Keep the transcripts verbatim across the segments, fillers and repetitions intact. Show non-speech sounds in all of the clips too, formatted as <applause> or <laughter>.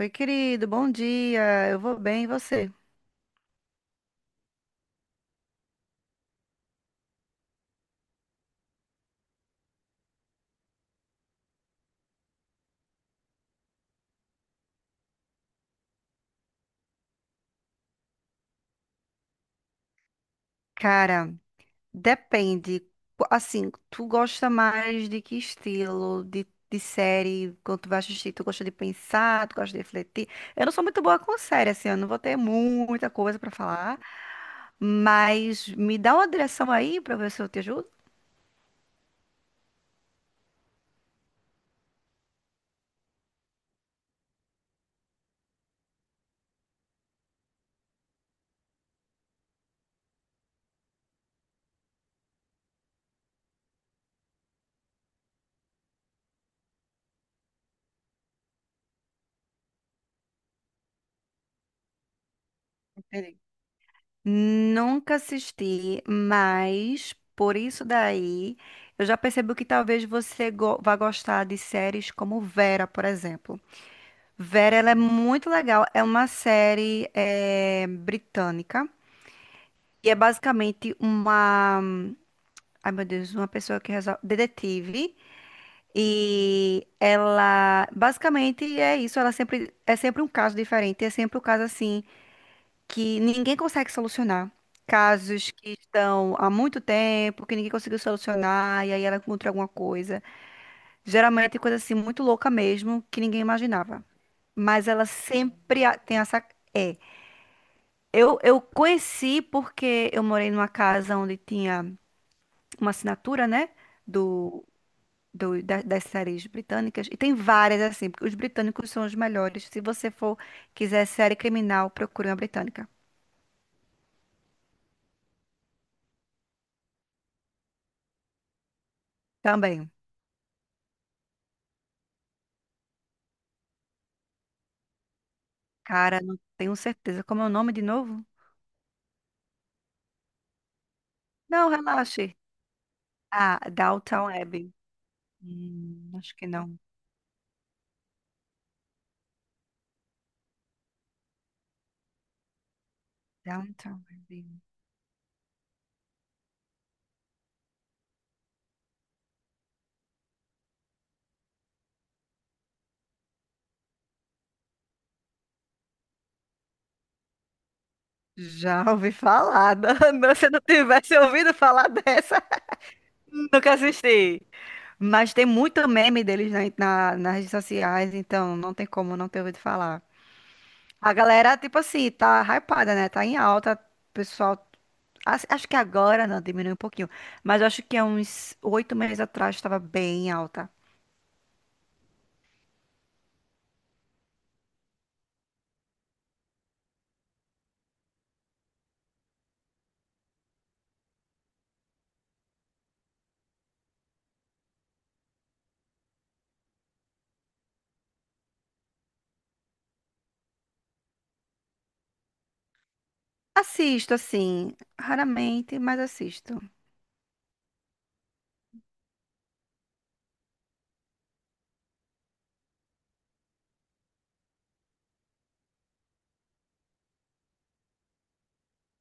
Oi, querido, bom dia. Eu vou bem, e você? Cara, depende. Qu- Assim, tu gosta mais de que estilo de, de série? Quando tu vai assistir, tu gosta de pensar, tu gosta de refletir? Eu não sou muito boa com série, assim, eu não vou ter muita coisa pra falar, mas me dá uma direção aí pra ver se eu te ajudo. Entendi. Nunca assisti, mas por isso daí eu já percebi que talvez você go- vá gostar de séries como Vera, por exemplo. Vera, ela é muito legal. É uma série eh, britânica e é basicamente uma, ai meu Deus, uma pessoa que resolve, detetive, e ela basicamente é isso. Ela sempre é sempre um caso diferente. É sempre um caso assim que ninguém consegue solucionar. Casos que estão há muito tempo, que ninguém conseguiu solucionar, e aí ela encontra alguma coisa. Geralmente coisa assim muito louca mesmo, que ninguém imaginava. Mas ela sempre a- tem essa. É, Eu, eu conheci porque eu morei numa casa onde tinha uma assinatura, né? Do, do, da- das séries britânicas. E tem várias, assim, porque os britânicos são os melhores. Se você for, quiser série criminal, procure uma britânica. Também. Cara, não tenho certeza. Como é o nome de novo? Não, relaxe. Ah, Downton Abbey. Hum, acho que não. Downton Abbey. Já ouvi falar. <laughs> Não, se eu não tivesse ouvido falar dessa, <laughs> nunca assisti. Mas tem muito meme deles na, na- nas redes sociais, então não tem como não ter ouvido falar. A galera, tipo assim, tá hypada, né? Tá em alta, o pessoal. Acho acho que agora não, diminuiu um pouquinho. Mas eu acho que há uns oito meses atrás estava bem em alta. Assisto, assim, raramente, mas assisto.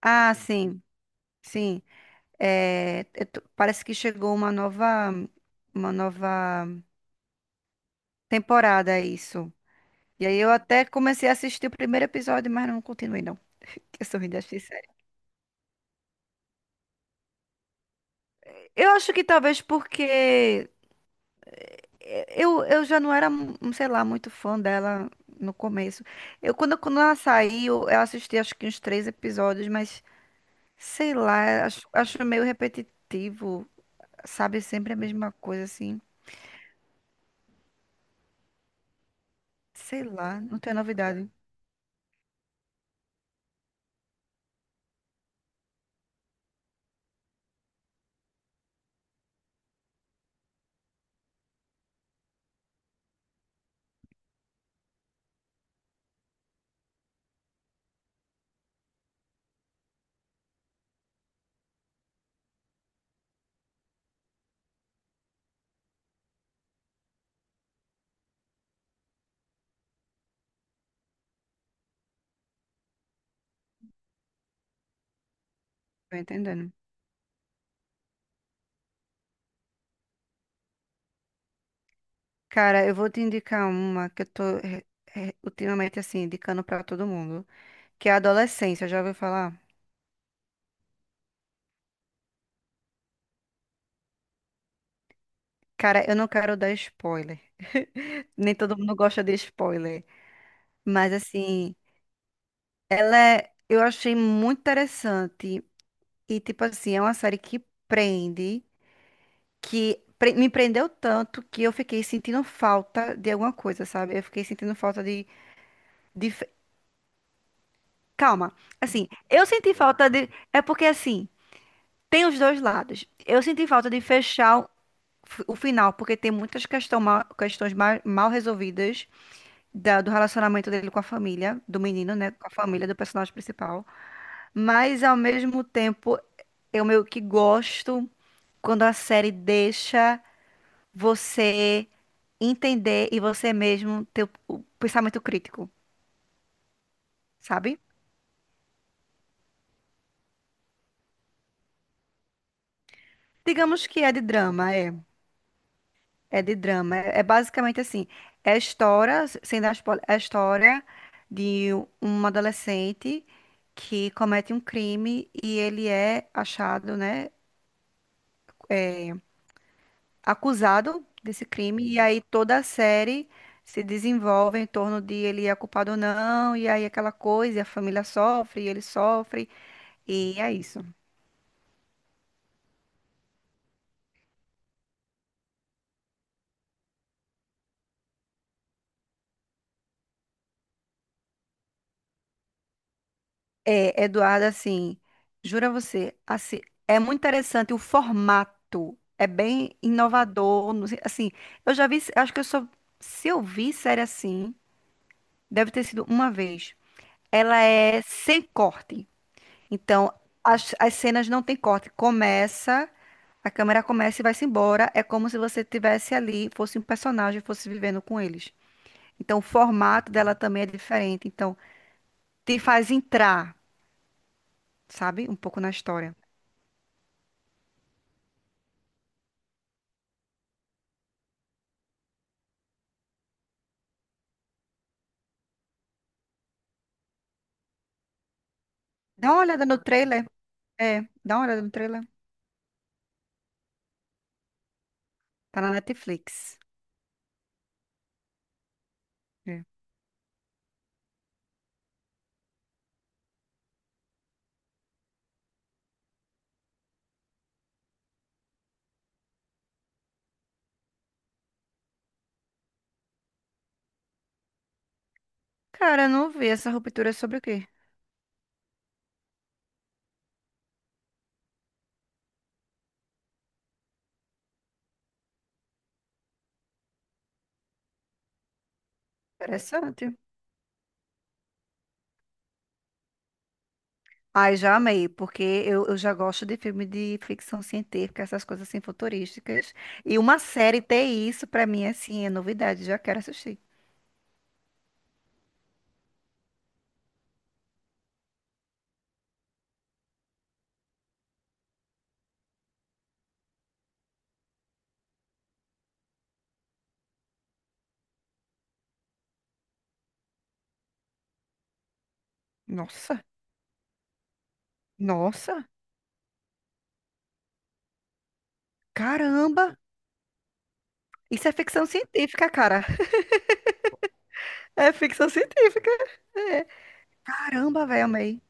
Ah, sim, sim. É, eu tô- parece que chegou uma nova, uma nova temporada, é isso. E aí eu até comecei a assistir o primeiro episódio, mas não continuei, não. Eu sou ruim das séries. Eu acho que talvez porque eh, eu, eu já não era, hum, sei lá, muito fã dela no começo. Eu, quando, quando ela saiu, eu assisti acho que uns três episódios, mas sei lá, acho, acho meio repetitivo, sabe? Sempre a mesma coisa, assim. Sei lá, não tem novidade. Tô entendendo. Cara, eu vou te indicar uma que eu tô re- re- ultimamente, assim, indicando pra todo mundo, que é a Adolescência, já ouviu falar? Cara, eu não quero dar spoiler. Nem todo mundo gosta de spoiler. Mas assim, ela é, eu achei muito interessante e tipo assim, é uma série que prende, que pre- me prendeu tanto que eu fiquei sentindo falta de alguma coisa, sabe? Eu fiquei sentindo falta de, de fe- calma. Assim, eu senti falta de é porque assim, tem os dois lados. Eu senti falta de fechar o f- o final, porque tem muitas questão mal- questões ma- mal resolvidas da- do relacionamento dele com a família, do menino, né, com a família do personagem principal. Mas ao mesmo tempo, eu meio que gosto quando a série deixa você entender e você mesmo ter o o pensamento crítico, sabe? Digamos que é de drama, é. É de drama. É, é basicamente assim. É a história, sem dar spoiler, é a história de um adolescente que comete um crime e ele é achado, né? Acusado desse crime, e aí toda a série se desenvolve em torno de ele é culpado ou não, e aí aquela coisa, e a família sofre, e ele sofre, e é isso. É, Eduardo, assim, jura você, assim, é muito interessante o formato, é bem inovador, não sei- assim, eu já vi, acho que eu só, se eu vi série assim, deve ter sido uma vez. Ela é sem corte. Então, as, as cenas não tem corte. Começa, a câmera começa e vai-se embora. É como se você tivesse ali, fosse um personagem, fosse vivendo com eles. Então, o formato dela também é diferente. Então, te faz entrar, sabe? Um pouco na história. Dá uma olhada no trailer. É, dá uma olhada no trailer. Tá na Netflix. É. Cara, eu não vi, essa ruptura é sobre o quê? Interessante. Ai, já amei, porque eu, eu já gosto de filme de ficção científica, essas coisas assim futurísticas. E uma série ter isso, pra mim, assim, é novidade, já quero assistir. Nossa, nossa, caramba! Isso é ficção científica, cara. <laughs> É ficção científica. É. Caramba, velho, amei.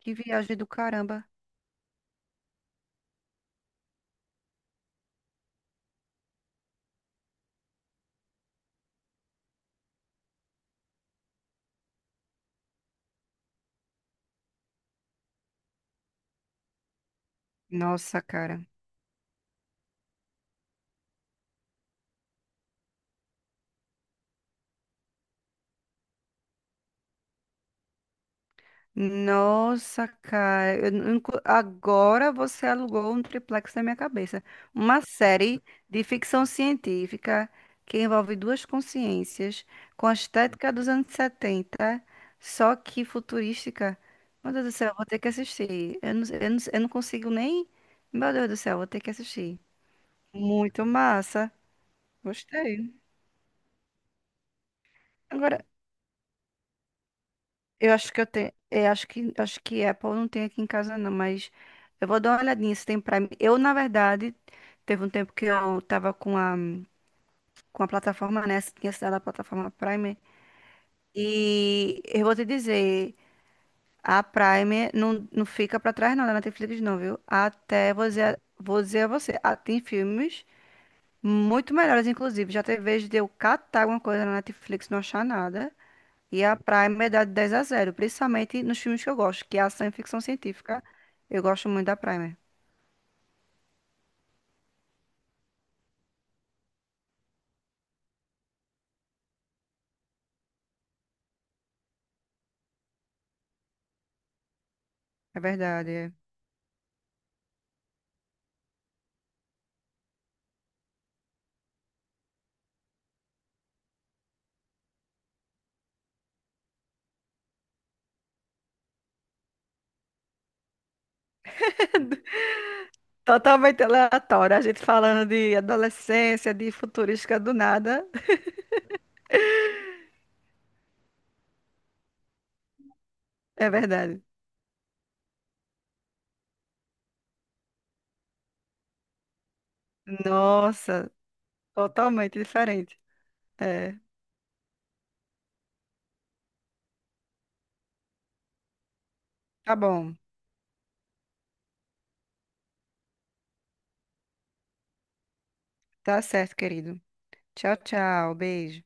Que viagem do caramba. Nossa, cara. Nossa, cara, eu não- nunca- agora você alugou um triplex na minha cabeça. Uma série de ficção científica que envolve duas consciências, com a estética dos anos setenta, só que futurística. Meu Deus do céu, eu vou ter que assistir. Eu não, eu não, eu não consigo nem. Meu Deus do céu, eu vou ter que assistir. Muito massa. Gostei. Agora, eu acho que eu tenho. É, acho que, acho que Apple não tem aqui em casa, não, mas eu vou dar uma olhadinha se tem Prime. Eu, na verdade, teve um tempo que eu tava com a, com a plataforma, né? Tinha assinado a plataforma Prime. E eu vou te dizer, a Prime não, não fica pra trás, não, da Netflix, não, viu? Até vou dizer, vou dizer a você, ah, tem filmes muito melhores, inclusive. Já teve vez de eu catar alguma coisa na Netflix e não achar nada. E a Prime é dá de dez a zero, principalmente nos filmes que eu gosto, que é ação e ficção científica. Eu gosto muito da Prime. É verdade. É. <laughs> Totalmente aleatório. A gente falando de adolescência, de futurística do nada. É verdade. Nossa, totalmente diferente. É. Tá bom. Tá certo, querido. Tchau, tchau. Beijo.